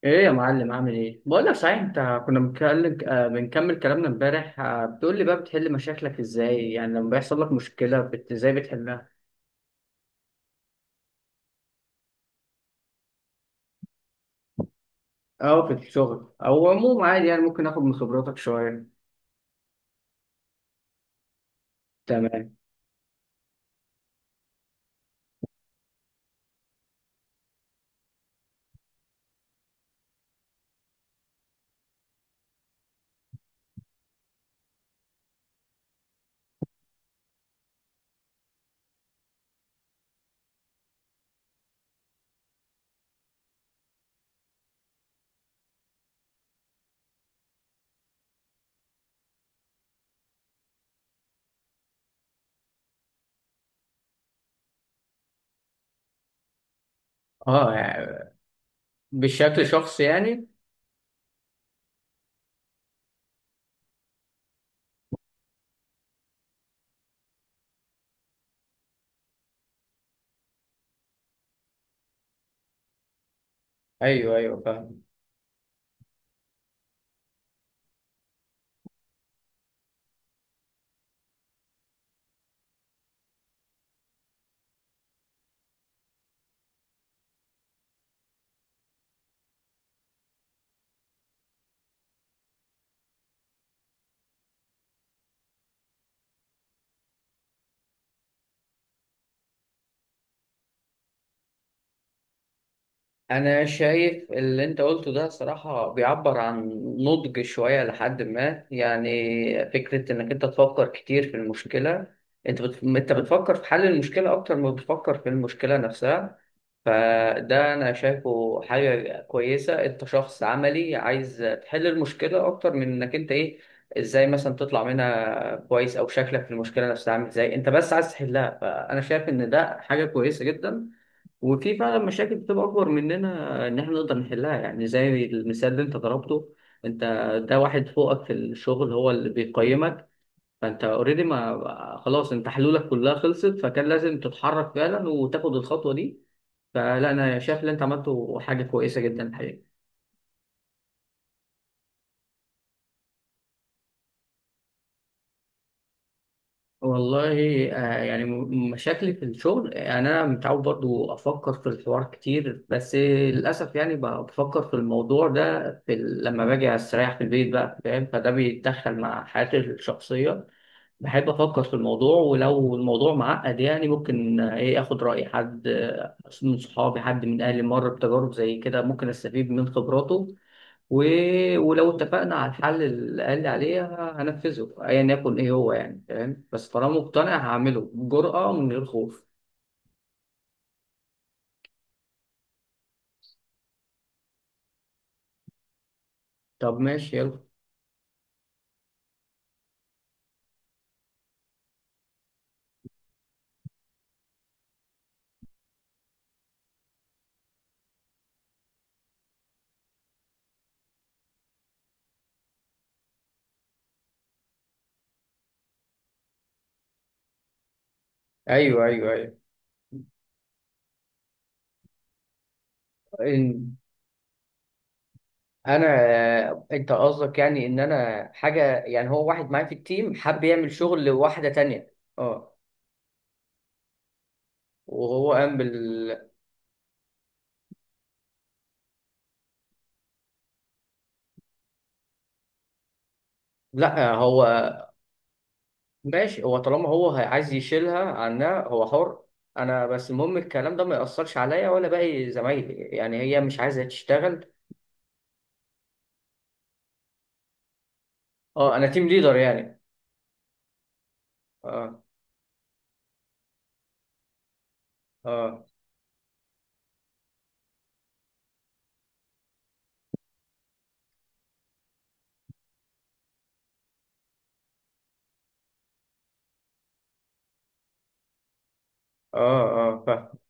ايه يا معلم، عامل ايه؟ بقول لك صحيح، انت كنا بنتكلم، بنكمل كلامنا امبارح، بتقول لي بقى بتحل مشاكلك ازاي؟ يعني لما بيحصل لك مشكله ازاي بتحلها؟ او في الشغل او عموما عادي، يعني ممكن اخد من خبراتك شويه. تمام. اه، يعني بشكل شخصي يعني. ايوه، ايوه، فاهم. انا شايف اللي انت قلته ده صراحة بيعبر عن نضج شوية لحد ما، يعني فكرة انك انت تفكر كتير في المشكلة. انت بتفكر في حل المشكلة اكتر ما بتفكر في المشكلة نفسها. فده انا شايفه حاجة كويسة، انت شخص عملي عايز تحل المشكلة اكتر من انك انت ايه، ازاي مثلا تطلع منها كويس، او شكلك في المشكلة نفسها عامل ازاي، انت بس عايز تحلها، فانا شايف ان ده حاجة كويسة جدا. وفي فعلا مشاكل بتبقى اكبر مننا ان احنا نقدر نحلها، يعني زي المثال اللي انت ضربته، انت ده واحد فوقك في الشغل هو اللي بيقيمك، فانت اوريدي ما خلاص انت حلولك كلها خلصت، فكان لازم تتحرك فعلا وتاخد الخطوة دي. فلا، انا شايف اللي انت عملته حاجة كويسة جدا الحقيقة. والله، يعني مشاكلي في الشغل، يعني انا متعود برضو افكر في الحوار كتير، بس للاسف يعني بفكر في الموضوع ده في لما باجي استريح في البيت بقى، فاهم، فده بيتدخل مع حياتي الشخصيه. بحب افكر في الموضوع، ولو الموضوع معقد يعني ممكن ايه اخد راي حد، من صحابي، حد من اهلي مر بتجارب زي كده ممكن استفيد من خبراته. و... ولو اتفقنا على الحل اللي قال لي عليه، هنفذه ايا يكن ايه هو يعني، فاهم، بس طالما مقتنع هعمله بجرأة من غير خوف. طب ماشي، يلا. ايوه، ايوه، ايوه. إن انا انت قصدك يعني ان انا حاجه، يعني هو واحد معايا في التيم حب يعمل شغل لواحده تانية، اه. وهو قام بال لا، هو ماشي، هو طالما هو عايز يشيلها عنها هو حر. انا بس المهم الكلام ده ما يأثرش عليا ولا باقي زمايلي، يعني هي مش عايزه تشتغل. اه، انا تيم ليدر يعني. اه، اه، اه، اه، فاهم،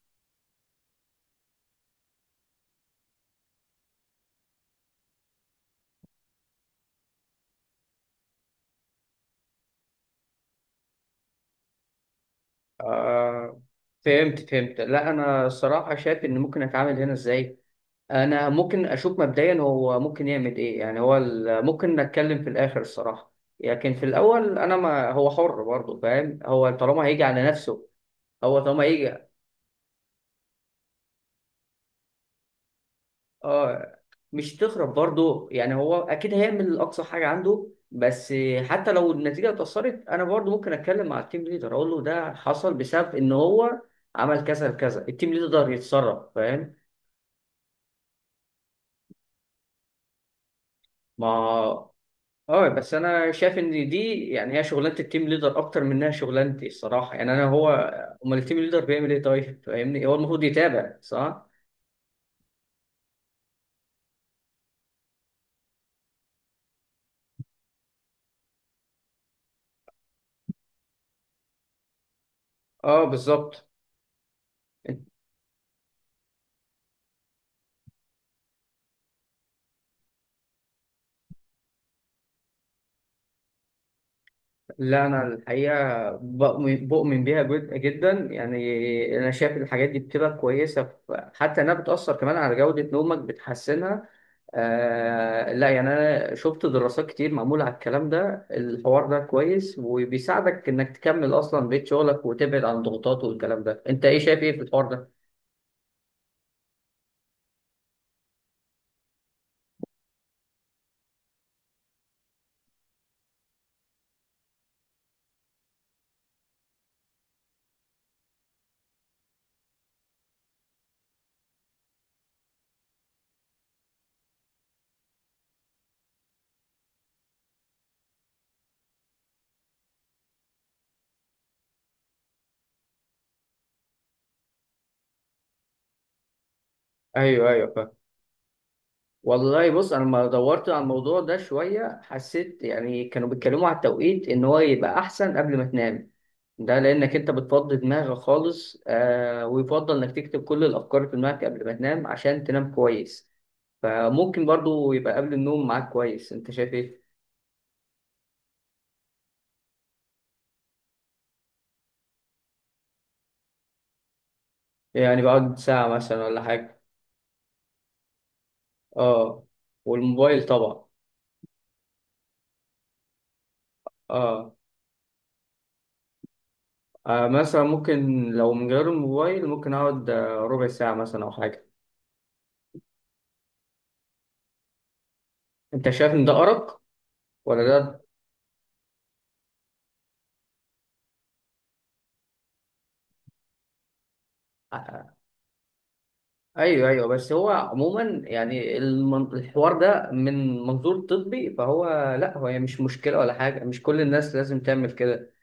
آه، فهمت، فهمت، لا انا الصراحه شايف ان ممكن اتعامل هنا ازاي. انا ممكن اشوف مبدئيا هو ممكن يعمل ايه، يعني هو ممكن نتكلم في الاخر الصراحه. لكن في الاول، انا ما هو حر برضه، فاهم، هو طالما هيجي على نفسه، هو طالما هيجي. اه، مش تخرب برضه، يعني هو اكيد هيعمل اقصى حاجه عنده، بس حتى لو النتيجه اتاثرت، انا برضه ممكن اتكلم مع التيم ليدر، اقول له ده حصل بسبب ان هو عمل كذا كذا، التيم ليدر يتصرف، فاهم. ما اه، بس انا شايف ان دي يعني هي شغلانه التيم ليدر اكتر منها شغلانتي الصراحه، يعني انا هو، امال التيم ليدر بيعمل ايه؟ طيب فاهمني، هو المفروض يتابع، صح. اه، بالظبط. لا، أنا الحقيقة بؤمن بيها جدا، يعني أنا شايف الحاجات دي بتبقى كويسة، حتى إنها بتأثر كمان على جودة نومك، بتحسنها. آه، لا يعني أنا شفت دراسات كتير معمولة على الكلام ده، الحوار ده كويس وبيساعدك إنك تكمل أصلا بيت شغلك وتبعد عن الضغوطات والكلام ده، أنت إيه شايف إيه في الحوار ده؟ ايوه، ايوه، فاهم. والله، بص، انا لما دورت على الموضوع ده شويه حسيت، يعني كانوا بيتكلموا على التوقيت ان هو يبقى احسن قبل ما تنام. ده لانك انت بتفضي دماغك خالص، ويفضل انك تكتب كل الافكار في دماغك قبل ما تنام عشان تنام كويس. فممكن برضو يبقى قبل النوم معاك كويس، انت شايف ايه؟ يعني بقعد ساعة مثلا ولا حاجة. اه، والموبايل طبعا. اه, مثلا ممكن لو من غير الموبايل، ممكن اقعد ربع ساعة مثلا او حاجة. انت شايف ان ده ارق ولا ده؟ ايوه، ايوه، بس هو عموما يعني الحوار ده من منظور طبي فهو، لا هو يعني مش مشكله ولا حاجه، مش كل الناس لازم تعمل كده.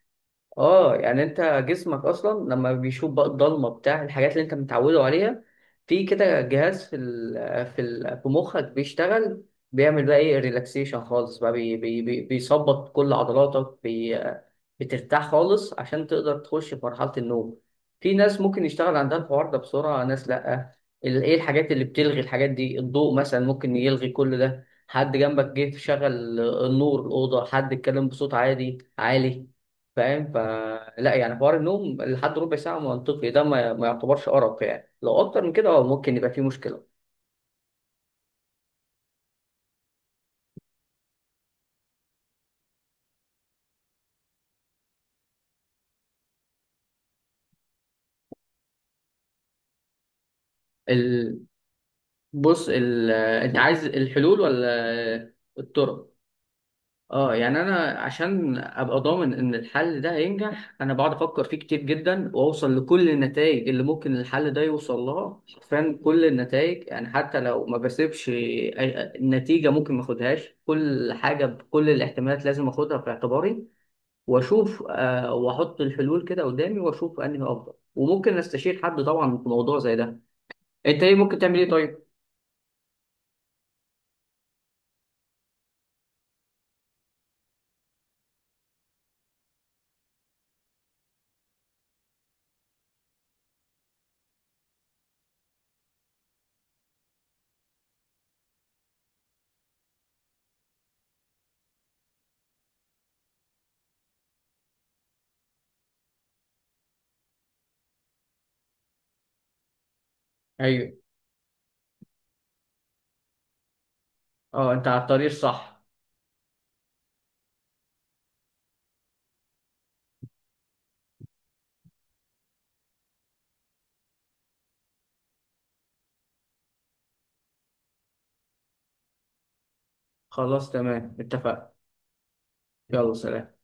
اه، يعني انت جسمك اصلا لما بيشوف بقى الضلمه بتاع الحاجات اللي انت متعوده عليها، في كده جهاز في مخك بيشتغل، بيعمل بقى ايه ريلاكسيشن خالص بقى، بي بي بي بيظبط كل عضلاتك، بترتاح خالص عشان تقدر تخش في مرحله النوم. في ناس ممكن يشتغل عندها الحوار ده بسرعه، ناس لا. ايه الحاجات اللي بتلغي الحاجات دي؟ الضوء مثلا ممكن يلغي كل ده، حد جنبك جه شغل، النور، الاوضه، حد اتكلم بصوت عادي عالي، فاهم. فلا يعني حوار النوم لحد ربع ساعة منطقي، ده ما يعتبرش أرق، يعني لو أكتر من كده اه ممكن يبقى فيه مشكلة. ال... بص، أنت عايز الحلول ولا الطرق؟ اه، يعني أنا عشان أبقى ضامن إن الحل ده هينجح، أنا بقعد أفكر فيه كتير جدا، وأوصل لكل النتائج اللي ممكن الحل ده يوصل لها، حرفيا كل النتائج، يعني حتى لو ما بسيبش نتيجة ممكن ما أخدهاش، كل حاجة بكل الاحتمالات لازم أخدها في اعتباري، واشوف، واحط الحلول كده قدامي واشوف انهي افضل، وممكن استشير حد طبعا في موضوع زي ده. انت ايه ممكن تعمل ايه طيب؟ ايوه، اه، انت على الطريق الصح. خلاص تمام، اتفقنا. يلا سلام.